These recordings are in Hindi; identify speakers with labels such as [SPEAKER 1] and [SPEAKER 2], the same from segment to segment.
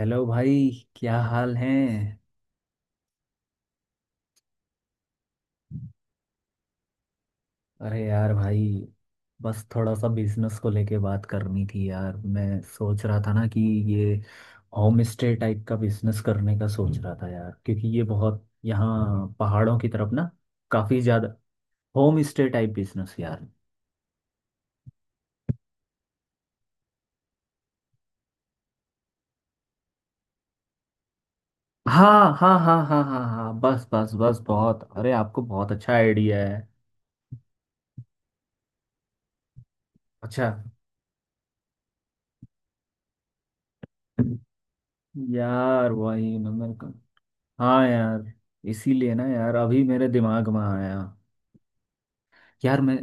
[SPEAKER 1] हेलो भाई, क्या हाल है। अरे यार भाई, बस थोड़ा सा बिजनेस को लेके बात करनी थी यार। मैं सोच रहा था ना कि ये होम स्टे टाइप का बिजनेस करने का सोच रहा था यार, क्योंकि ये बहुत यहाँ पहाड़ों की तरफ ना काफी ज्यादा। होम स्टे टाइप बिजनेस यार। हाँ हाँ हाँ हाँ हाँ हाँ, बस बस बस बहुत, अरे आपको बहुत अच्छा आइडिया है। अच्छा। यार वही ना मेरे को। हाँ यार, इसीलिए ना यार अभी मेरे दिमाग में आया। यार मैं,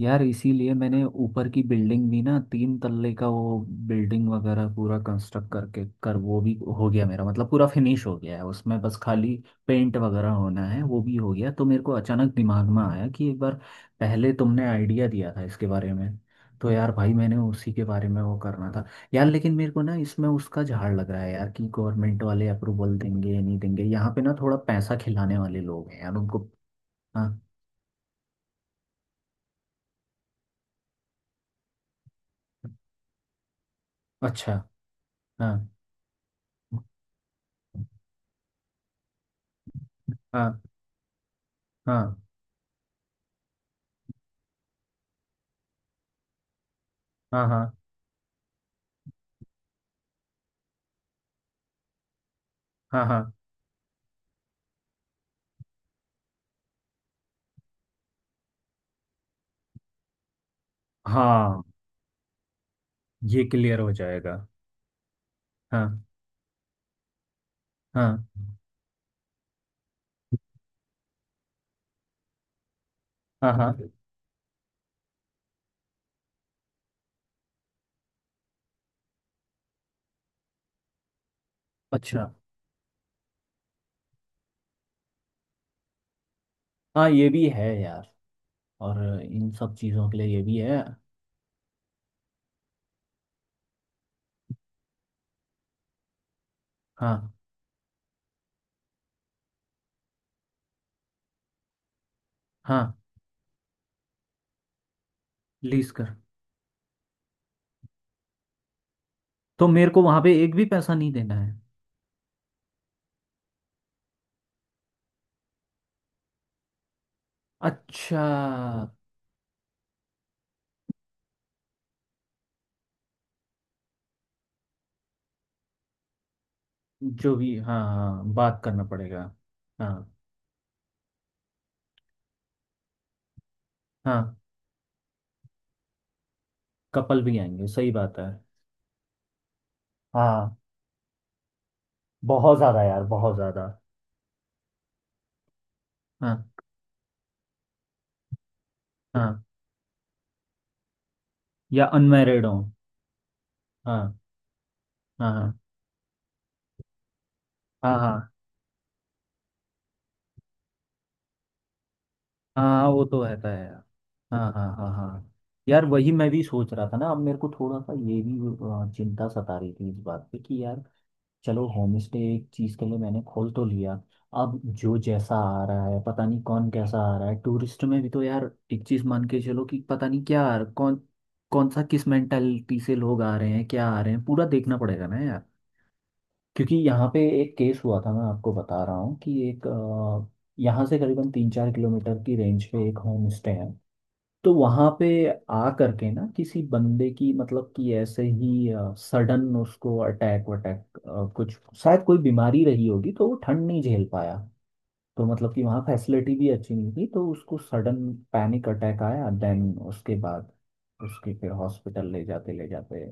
[SPEAKER 1] यार इसीलिए मैंने ऊपर की बिल्डिंग भी ना 3 तल्ले का वो बिल्डिंग वगैरह पूरा कंस्ट्रक्ट करके कर वो भी हो गया मेरा, मतलब पूरा फिनिश हो गया है। उसमें बस खाली पेंट वगैरह होना है, वो भी हो गया। तो मेरे को अचानक दिमाग में आया कि एक बार पहले तुमने आइडिया दिया था इसके बारे में, तो यार भाई मैंने उसी के बारे में वो करना था। यार लेकिन मेरे को ना इसमें उसका झाड़ लग रहा है यार, कि गवर्नमेंट वाले अप्रूवल देंगे या नहीं देंगे। यहाँ पे ना थोड़ा पैसा खिलाने वाले लोग हैं यार उनको। हाँ। अच्छा। हाँ हाँ हाँ हाँ हाँ हाँ हाँ हाँ। ये क्लियर हो जाएगा। हाँ हाँ हाँ हाँ। अच्छा। हाँ, ये भी है यार। और इन सब चीज़ों के लिए ये भी है। हाँ हाँ। लीज कर। तो मेरे को वहाँ पे एक भी पैसा नहीं देना है। अच्छा। जो भी, हाँ हाँ बात करना पड़ेगा। हाँ हाँ। कपल भी आएंगे, सही बात है। हाँ। बहुत ज़्यादा यार, बहुत ज़्यादा। हाँ हाँ। या अनमैरिड हो। हाँ हाँ हाँ हाँ हाँ। हाँ वो तो रहता है यार। हाँ हाँ हाँ हाँ। यार वही मैं भी सोच रहा था ना, अब मेरे को थोड़ा सा ये भी चिंता सता रही थी इस बात पे कि यार चलो होम स्टे एक चीज़ के लिए मैंने खोल तो लिया। अब जो जैसा आ रहा है पता नहीं कौन कैसा आ रहा है टूरिस्ट में भी, तो यार एक चीज़ मान के चलो कि पता नहीं कौन कौन सा किस मेंटालिटी से लोग आ रहे हैं, क्या आ रहे हैं, पूरा देखना पड़ेगा ना यार। क्योंकि यहाँ पे एक केस हुआ था, मैं आपको बता रहा हूँ कि एक यहाँ से करीबन 3 4 किलोमीटर की रेंज पे एक होम स्टे है। तो वहाँ पे आ करके ना किसी बंदे की मतलब कि ऐसे ही सडन उसको अटैक वटैक कुछ शायद कोई बीमारी रही होगी तो वो ठंड नहीं झेल पाया। तो मतलब कि वहाँ फैसिलिटी भी अच्छी नहीं थी, तो उसको सडन पैनिक अटैक आया, देन उसके बाद उसके फिर हॉस्पिटल ले जाते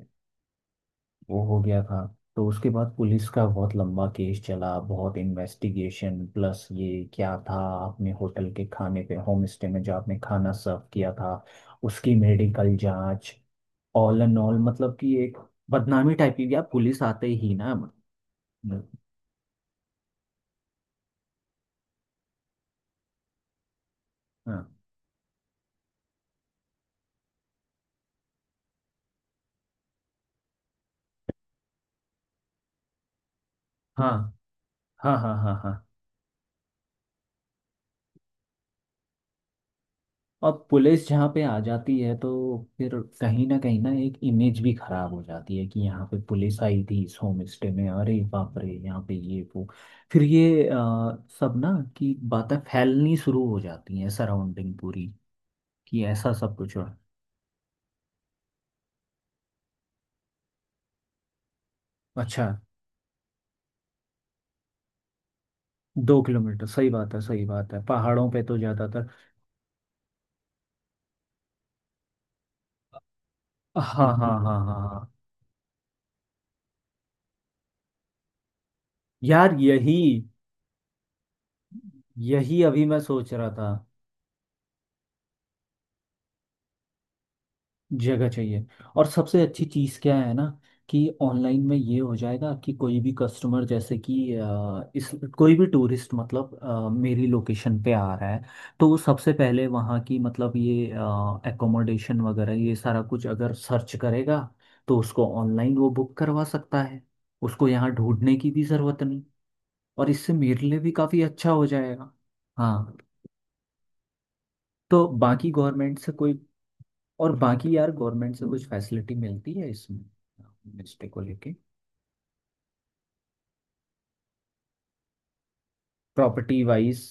[SPEAKER 1] वो हो गया था। तो उसके बाद पुलिस का बहुत लंबा केस चला, बहुत इन्वेस्टिगेशन प्लस ये क्या था, आपने होटल के खाने पे होम स्टे में जो आपने खाना सर्व किया था उसकी मेडिकल जांच, ऑल एंड ऑल मतलब कि एक बदनामी टाइप की यार पुलिस आते ही ना। हाँ हाँ हाँ हाँ हाँ हाँ हाँ। अब पुलिस जहाँ पे आ जाती है तो फिर कहीं ना एक इमेज भी खराब हो जाती है, कि यहाँ पे पुलिस आई थी इस होम स्टे में, अरे बाप रे यहाँ पे ये वो। फिर ये सब ना, कि बातें फैलनी शुरू हो जाती हैं सराउंडिंग पूरी, कि ऐसा सब कुछ हो। अच्छा। 2 किलोमीटर, सही बात है, सही बात है, पहाड़ों पे तो ज़्यादातर। हाँ हाँ हाँ हाँ हाँ। यार यही, यही अभी मैं सोच रहा था। जगह चाहिए। और सबसे अच्छी चीज़ क्या है ना, कि ऑनलाइन में ये हो जाएगा कि कोई भी कस्टमर जैसे कि इस कोई भी टूरिस्ट मतलब मेरी लोकेशन पे आ रहा है तो वो सबसे पहले वहाँ की मतलब ये एकोमोडेशन वगैरह ये सारा कुछ अगर सर्च करेगा तो उसको ऑनलाइन वो बुक करवा सकता है। उसको यहाँ ढूंढने की भी ज़रूरत नहीं, और इससे मेरे लिए भी काफ़ी अच्छा हो जाएगा। हाँ। तो बाकी गवर्नमेंट से कोई, और बाकी यार गवर्नमेंट से कुछ फैसिलिटी मिलती है इसमें होमस्टे को लेके प्रॉपर्टी वाइज,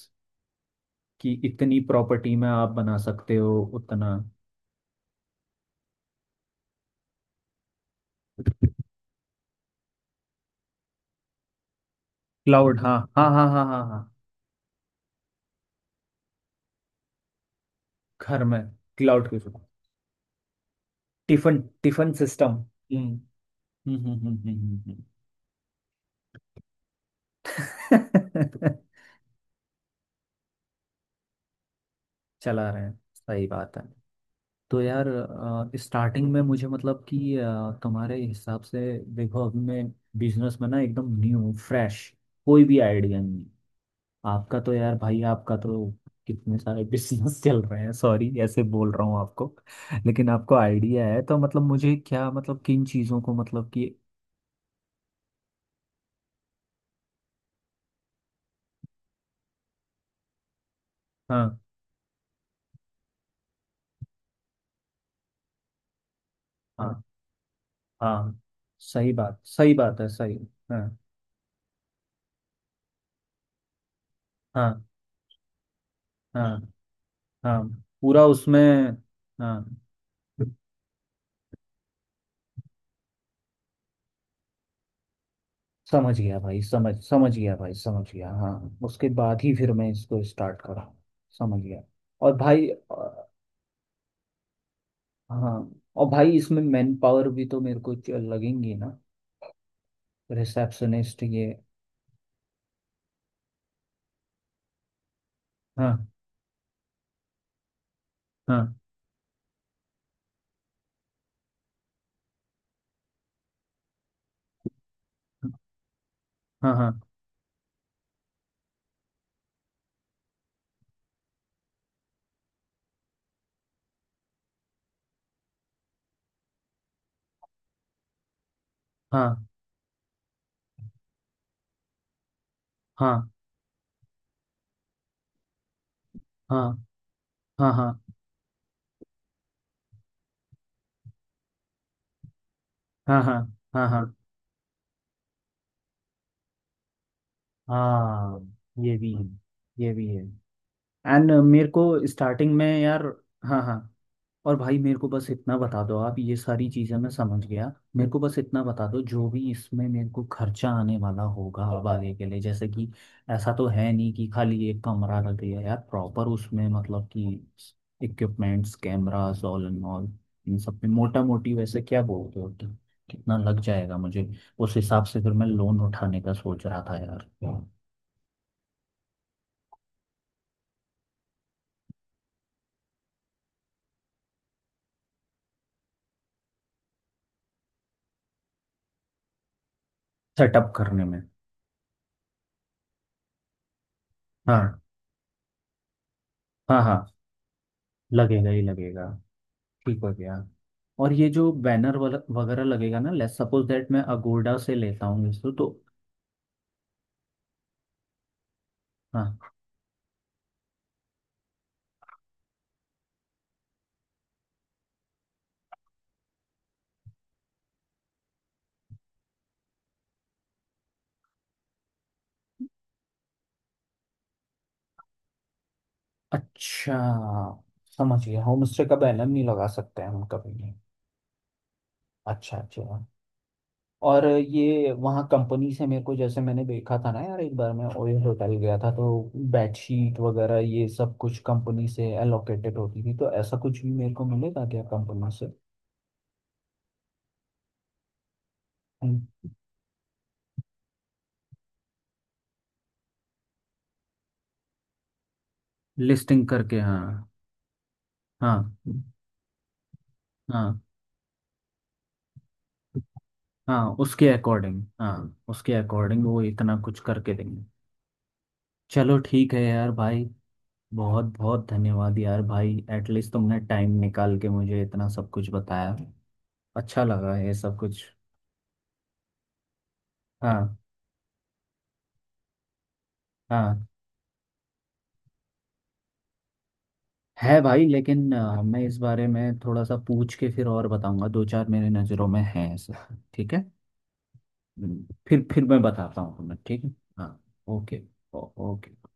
[SPEAKER 1] कि इतनी प्रॉपर्टी में आप बना सकते हो उतना। क्लाउड हाँ हाँ हाँ हाँ हाँ हाँ। घर में क्लाउड के थ्रू। टिफिन। Tiffin system. हम्म हम्म हम्म हम्म हम्म, हम्म, हम्म। चला रहे हैं, सही बात है। तो यार स्टार्टिंग में मुझे मतलब कि तुम्हारे हिसाब से, देखो अभी मैं बिजनेस में ना एकदम न्यू फ्रेश, कोई भी आइडिया नहीं। आपका तो यार भाई आपका तो कितने सारे बिजनेस चल रहे हैं, सॉरी ऐसे बोल रहा हूँ आपको। लेकिन आपको आइडिया है तो मतलब मुझे क्या मतलब किन चीज़ों को मतलब कि, हाँ हाँ हाँ, सही बात है सही। हाँ हाँ हाँ हाँ। पूरा उसमें। हाँ। समझ गया भाई समझ समझ गया भाई समझ गया हाँ। उसके बाद ही फिर मैं इसको स्टार्ट करा। समझ गया। और भाई हाँ, और भाई इसमें मैन पावर भी तो मेरे को लगेंगी ना, रिसेप्शनिस्ट ये। हाँ हाँ हाँ हाँ हाँ हाँ हाँ हाँ हाँ हाँ हाँ हाँ हाँ हाँ। ये भी है, ये भी है। एंड मेरे को स्टार्टिंग में यार। हाँ हाँ। और भाई मेरे को बस इतना बता दो आप, ये सारी चीज़ें मैं समझ गया। मेरे को बस इतना बता दो जो भी इसमें मेरे को खर्चा आने वाला होगा अब आगे के लिए, जैसे कि ऐसा तो है नहीं कि खाली एक कमरा लग गया यार प्रॉपर उसमें मतलब कि equipments cameras all and all, इन सब पे मोटा मोटी वैसे क्या बोलते हो कि कितना लग जाएगा मुझे। उस हिसाब से फिर मैं लोन उठाने का सोच रहा था यार। सेटअप करने में। हाँ हाँ हाँ। लगेगा ही लगेगा। ठीक हो गया। और ये जो बैनर वगैरह लगेगा ना, लेट्स सपोज दैट मैं अगोडा से लेता हूँ इसको तो। हाँ। अच्छा, समझ गया, होम स्टे का बैनर नहीं लगा सकते हैं हम कभी नहीं। अच्छा अच्छा। और ये वहाँ कंपनी से मेरे को, जैसे मैंने देखा था ना यार एक बार मैं ओयो होटल गया था तो बेडशीट वगैरह ये सब कुछ कंपनी से एलोकेटेड होती थी, तो ऐसा कुछ भी मेरे को मिलेगा क्या कंपनी से। लिस्टिंग करके, हाँ। हाँ हाँ हाँ। उसके अकॉर्डिंग, हाँ उसके अकॉर्डिंग वो इतना कुछ करके देंगे। चलो ठीक है यार भाई, बहुत बहुत धन्यवाद यार भाई, एटलीस्ट तुमने टाइम निकाल के मुझे इतना सब कुछ बताया, अच्छा लगा ये सब कुछ। हाँ हाँ। है भाई, लेकिन मैं इस बारे में थोड़ा सा पूछ के फिर और बताऊंगा, दो चार मेरे नज़रों में है ऐसा। ठीक है। फिर मैं बताता हूँ तुम्हें, ठीक है। हाँ। ओके। ओके।